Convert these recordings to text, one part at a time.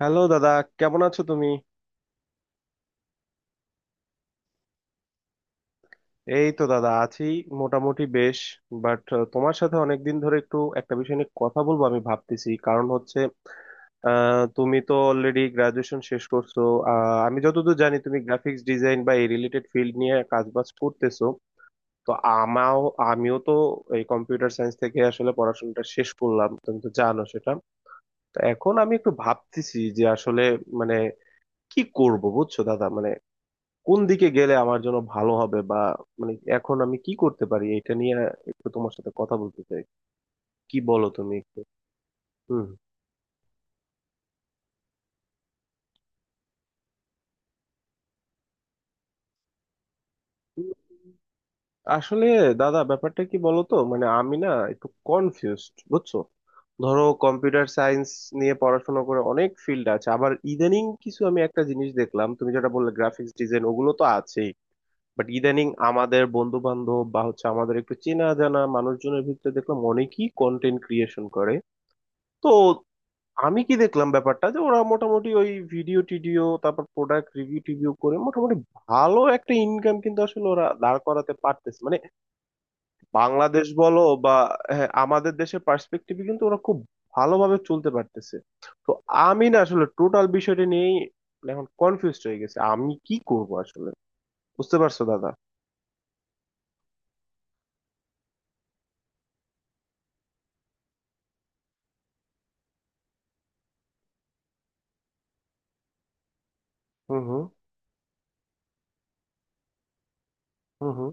Hello দাদা, কেমন আছো তুমি? এই তো দাদা, আছি, মোটামুটি বেশ। বাট তোমার সাথে অনেকদিন ধরে একটু একটা বিষয় নিয়ে কথা বলবো আমি ভাবতেছি, কারণ হচ্ছে, তুমি তো অলরেডি গ্রাজুয়েশন শেষ করছো। আমি যতদূর জানি তুমি গ্রাফিক্স ডিজাইন বা এই রিলেটেড ফিল্ড নিয়ে কাজবাজ করতেছো। তো আমাও আমিও তো এই কম্পিউটার সায়েন্স থেকে আসলে পড়াশোনাটা শেষ করলাম, তুমি তো জানো সেটা। তো এখন আমি একটু ভাবতেছি যে আসলে মানে কি করব, বুঝছো দাদা? মানে কোন দিকে গেলে আমার জন্য ভালো হবে, বা মানে এখন আমি কি করতে পারি, এটা নিয়ে একটু তোমার সাথে কথা বলতে চাই। কি বলো তুমি একটু? হুম। আসলে দাদা ব্যাপারটা কি বলো তো, মানে আমি না একটু কনফিউজড, বুঝছো? ধরো কম্পিউটার সায়েন্স নিয়ে পড়াশোনা করে অনেক ফিল্ড আছে, আবার ইদানিং কিছু আমি একটা জিনিস দেখলাম, তুমি যেটা বললে গ্রাফিক্স ডিজাইন ওগুলো তো আছেই, বাট ইদানিং আমাদের বন্ধু বান্ধব বা হচ্ছে আমাদের একটু চেনা জানা মানুষজনের ভিতরে দেখলাম অনেকেই কন্টেন্ট ক্রিয়েশন করে। তো আমি কি দেখলাম ব্যাপারটা, যে ওরা মোটামুটি ওই ভিডিও টিডিও, তারপর প্রোডাক্ট রিভিউ টিভিউ করে মোটামুটি ভালো একটা ইনকাম কিন্তু আসলে ওরা দাঁড় করাতে পারতেছে। মানে বাংলাদেশ বলো বা, হ্যাঁ, আমাদের দেশের পার্সপেক্টিভে কিন্তু ওরা খুব ভালোভাবে চলতে পারতেছে। তো আমি না আসলে টোটাল বিষয়টা নিয়েই এখন কনফিউজড হয়ে গেছে, আমি কি করব আসলে, বুঝতে পারছো দাদা? হুম হুম হুম হুম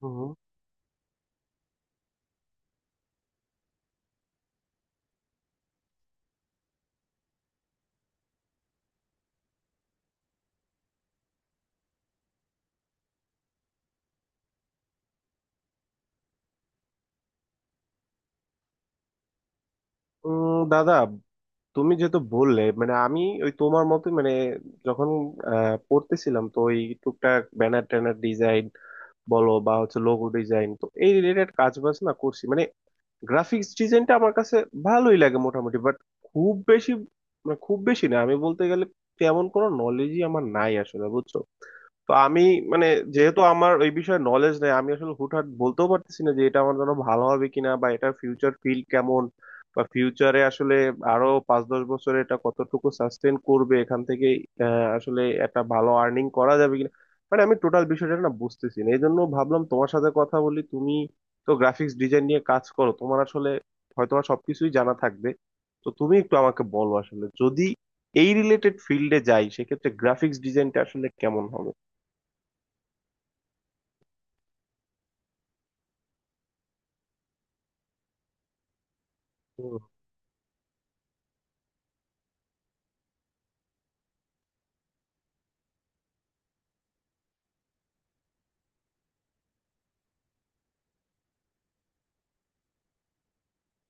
হুম হুম। দাদা, তুমি যেহেতু বললে, মানে আমি ওই তোমার মতোই মানে যখন পড়তেছিলাম তো, ওই টুকটাক ব্যানার ট্যানার ডিজাইন বলো বা হচ্ছে লোগো ডিজাইন, তো এই রিলেটেড কাজ বাজ না করছি মানে। গ্রাফিক্স ডিজাইনটা আমার কাছে ভালোই লাগে মোটামুটি, বাট খুব বেশি মানে খুব বেশি না, আমি বলতে গেলে তেমন কোনো নলেজই আমার নাই আসলে, বুঝছো? তো আমি মানে যেহেতু আমার ওই বিষয়ে নলেজ নেই, আমি আসলে হুটহাট বলতেও পারতেছি না যে এটা আমার জন্য ভালো হবে কিনা, বা এটা ফিউচার ফিল্ড কেমন, বা ফিউচারে আসলে আরো 5-10 বছরে এটা কতটুকু সাস্টেন করবে, এখান থেকে আসলে একটা ভালো আর্নিং করা যাবে কিনা। মানে আমি টোটাল বিষয়টা না বুঝতেছি না, এই জন্য ভাবলাম তোমার সাথে কথা বলি। তুমি তো গ্রাফিক্স ডিজাইন নিয়ে কাজ করো, তোমার আসলে হয়তো বা সবকিছুই জানা থাকবে। তো তুমি একটু আমাকে বলো, আসলে যদি এই রিলেটেড ফিল্ডে যাই, সেক্ষেত্রে গ্রাফিক্স ডিজাইনটা আসলে কেমন হবে? হুম।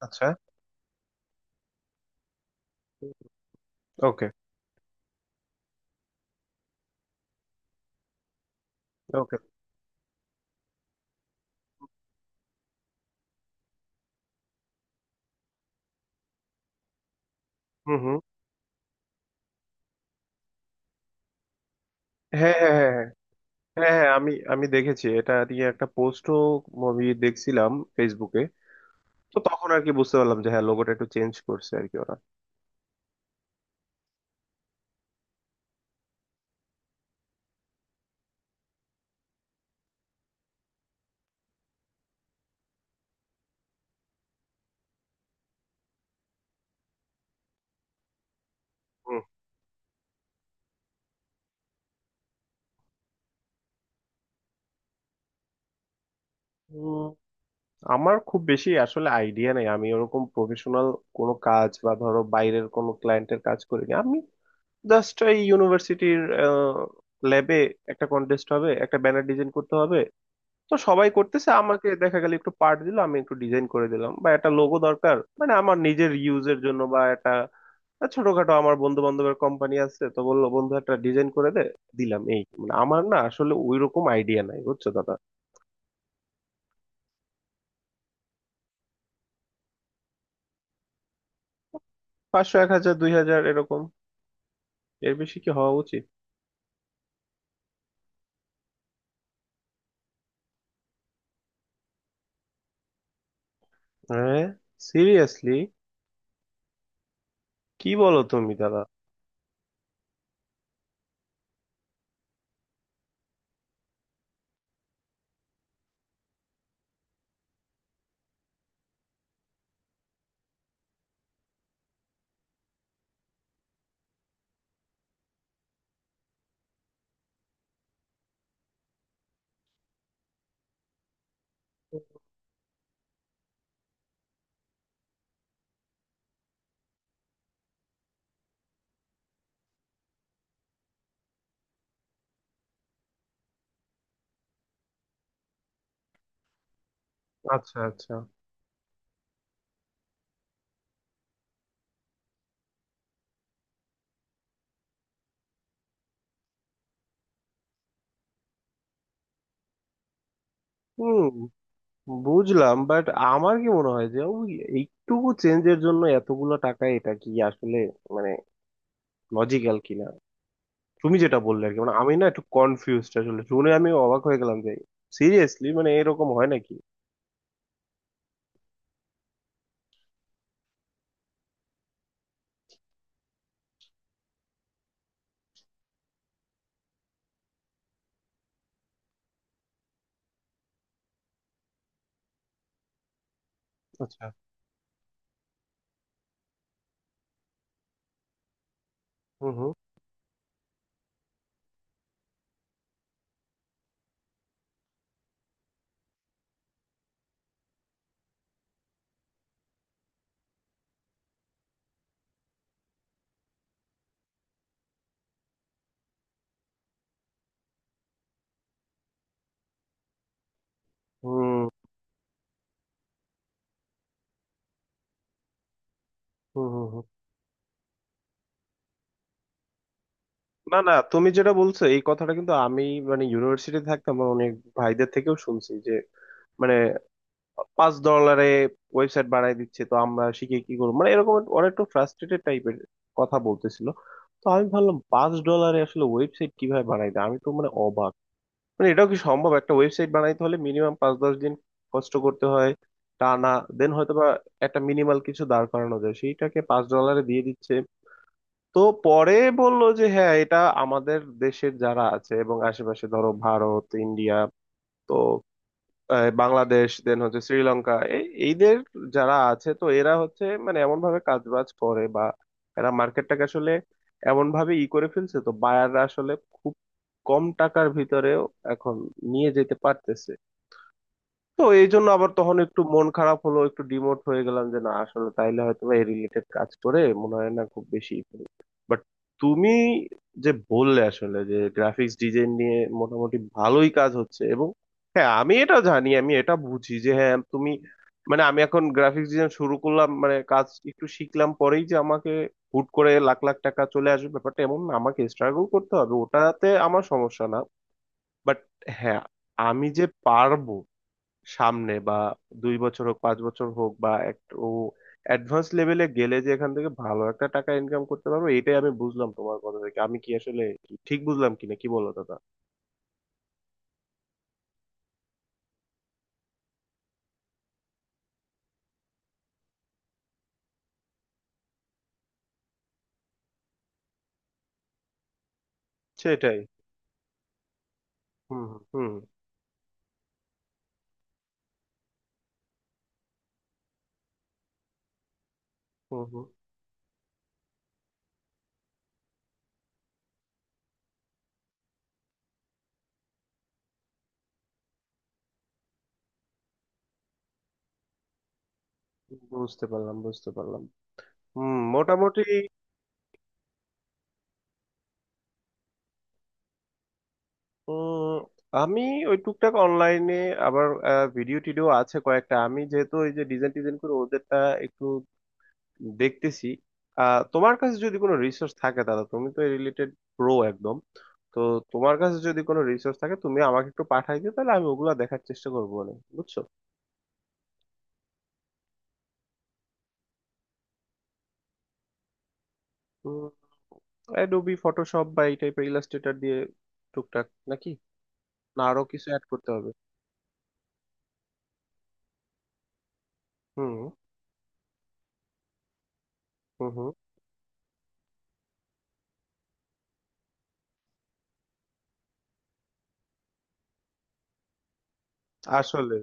আচ্ছা। ওকে। ওকে। হুম হুম। হ্যাঁ হ্যাঁ হ্যাঁ হ্যাঁ, হ্যাঁ হ্যাঁ আমি আমি দেখেছি, এটা নিয়ে একটা পোস্টও মুভি দেখছিলাম ফেসবুকে। তো তখন আর কি বুঝতে পারলাম যে হ্যাঁ লোগোটা একটু চেঞ্জ করছে আর কি ওরা। হুম। আমার খুব বেশি আসলে আইডিয়া নেই, আমি ওরকম প্রফেশনাল কোনো কাজ বা ধরো বাইরের কোনো ক্লায়েন্টের কাজ করিনি আমি। জাস্ট এই ইউনিভার্সিটির ল্যাবে একটা কন্টেস্ট হবে, একটা ব্যানার ডিজাইন করতে হবে, তো সবাই করতেছে, আমাকে দেখা গেল একটু পার্ট দিল, আমি একটু ডিজাইন করে দিলাম, বা একটা লোগো দরকার মানে আমার নিজের ইউজের জন্য, বা একটা ছোটখাটো আমার বন্ধু বান্ধবের কোম্পানি আছে তো বললো, বন্ধু একটা ডিজাইন করে দে, দিলাম। এই মানে আমার না আসলে ওইরকম আইডিয়া নাই, বুঝছো দাদা? 500, 1,000, 2,000, এরকম, এর বেশি কি হওয়া উচিত? হ্যাঁ, সিরিয়াসলি? কি বলো তুমি দাদা! আচ্ছা আচ্ছা। হুম। বুঝলাম, বাট আমার কি মনে হয় যে ওই এইটুকু চেঞ্জের জন্য এতগুলো টাকা, এটা কি আসলে মানে লজিক্যাল কিনা? তুমি যেটা বললে আর কি, মানে আমি না একটু কনফিউজড আসলে, শুনে আমি অবাক হয়ে গেলাম যে সিরিয়াসলি, মানে এরকম হয় নাকি? আচ্ছা। হুম হুম হুম হুম হুম হুম। না না, তুমি যেটা বলছো এই কথাটা কিন্তু আমি মানে ইউনিভার্সিটি থাকতাম আমার অনেক ভাইদের থেকেও শুনছি যে মানে $5 ওয়েবসাইট বানাই দিচ্ছে, তো আমরা শিখে কি করবো, মানে এরকম একটা- ওরা একটু ফ্রাস্ট্রেটেড টাইপের কথা বলতেছিল। তো আমি ভাবলাম $5 আসলে ওয়েবসাইট কিভাবে বানাই দেয়, আমি তো মানে অবাক। মানে এটাও কি সম্ভব? একটা ওয়েবসাইট বানাইতে হলে মিনিমাম 5-10 দিন কষ্ট করতে হয় টানা, দেন হয়তো বা একটা মিনিমাল কিছু দাঁড় করানো যায়, সেইটাকে $5 দিয়ে দিচ্ছে। তো পরে বললো যে হ্যাঁ এটা আমাদের দেশের যারা আছে এবং আশেপাশে, ধরো ভারত ইন্ডিয়া, তো বাংলাদেশ দেন হচ্ছে শ্রীলঙ্কা, এই এইদের যারা আছে, তো এরা হচ্ছে মানে এমন ভাবে কাজ বাজ করে, বা এরা মার্কেটটাকে আসলে এমন ভাবে ই করে ফেলছে, তো বায়াররা আসলে খুব কম টাকার ভিতরেও এখন নিয়ে যেতে পারতেছে। তো এই জন্য আবার তখন একটু মন খারাপ হলো, একটু ডিমোট হয়ে গেলাম যে না আসলে তাইলে হয়তো বা এই রিলেটেড কাজ করে মনে হয় না খুব বেশি। বাট তুমি যে বললে আসলে যে গ্রাফিক্স ডিজাইন নিয়ে মোটামুটি ভালোই কাজ হচ্ছে, এবং হ্যাঁ আমি এটা জানি আমি এটা বুঝি যে হ্যাঁ তুমি মানে আমি এখন গ্রাফিক্স ডিজাইন শুরু করলাম মানে কাজ একটু শিখলাম পরেই যে আমাকে হুট করে লাখ লাখ টাকা চলে আসবে ব্যাপারটা এমন না, আমাকে স্ট্রাগল করতে হবে, ওটাতে আমার সমস্যা না। বাট হ্যাঁ আমি যে পারবো সামনে বা 2 বছর হোক 5 বছর হোক বা এক ও অ্যাডভান্স লেভেলে গেলে যে এখান থেকে ভালো একটা টাকা ইনকাম করতে পারবো, এটাই আমি বুঝলাম তোমার কথা থেকে। আমি কি আসলে ঠিক বুঝলাম কিনা, কি বলো দাদা? সেটাই। হুম হুম হুম হুম হুম। বুঝতে পারলাম, বুঝতে পারলাম। হুম, মোটামুটি। উম আমি ওই টুকটাক অনলাইনে আবার ভিডিও টিডিও আছে কয়েকটা, আমি যেহেতু ওই যে ডিজাইন টিজাইন করে ওদেরটা একটু দেখতেছি। আহ, তোমার কাছে যদি কোনো রিসোর্স থাকে দাদা, তুমি তো এই রিলেটেড প্রো একদম, তো তোমার কাছে যদি কোনো রিসোর্স থাকে তুমি আমাকে একটু পাঠাই দিও, তাহলে আমি ওগুলা দেখার চেষ্টা করবো, মানে বুঝছো। উম, অ্যাডোবি ফটোশপ বা এই টাইপের ইলাস্ট্রেটর দিয়ে টুকটাক, নাকি না আরো কিছু অ্যাড করতে হবে? হুম হুম। হুম। আসলে,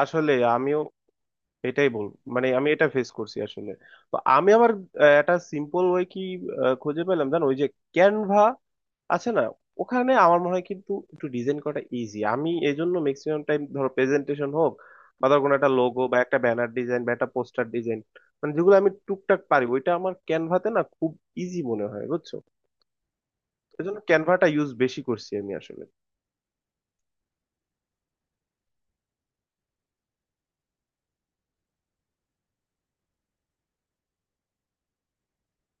আমিও এটাই বল, মানে আমি এটা ফেস করছি আসলে। তো আমি আবার একটা সিম্পল ওয়ে কি খুঁজে পেলাম জানো, ওই যে ক্যানভা আছে না, ওখানে আমার মনে হয় কিন্তু একটু ডিজাইন করাটা ইজি। আমি এই জন্য ম্যাক্সিমাম টাইম ধরো প্রেজেন্টেশন হোক বা ধর কোনো একটা লোগো বা একটা ব্যানার ডিজাইন বা একটা পোস্টার ডিজাইন, মানে যেগুলো আমি টুকটাক পারি, ওইটা আমার ক্যানভাতে না খুব ইজি মনে হয়, বুঝছো? এই জন্য ক্যানভাটা ইউজ বেশি করছি আমি আসলে।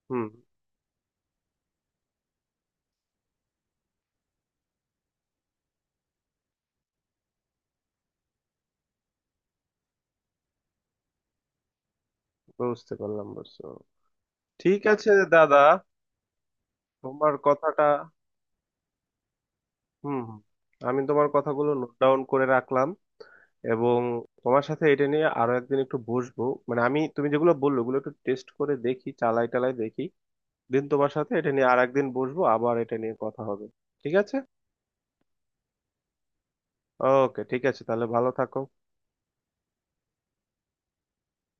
হুম। বুঝতে পারলাম, বুঝছো, ঠিক আছে দাদা। তোমার কথাটা, হুম হুম, আমি তোমার কথাগুলো নোট ডাউন করে রাখলাম, এবং তোমার সাথে এটা নিয়ে আরো একদিন একটু বসবো, মানে আমি তুমি যেগুলো বললো ওগুলো একটু টেস্ট করে দেখি, চালাই টালাই দেখি দিন, তোমার সাথে এটা নিয়ে আর একদিন বসবো, আবার এটা নিয়ে কথা হবে, ঠিক আছে? ওকে, ঠিক আছে, তাহলে ভালো থাকো।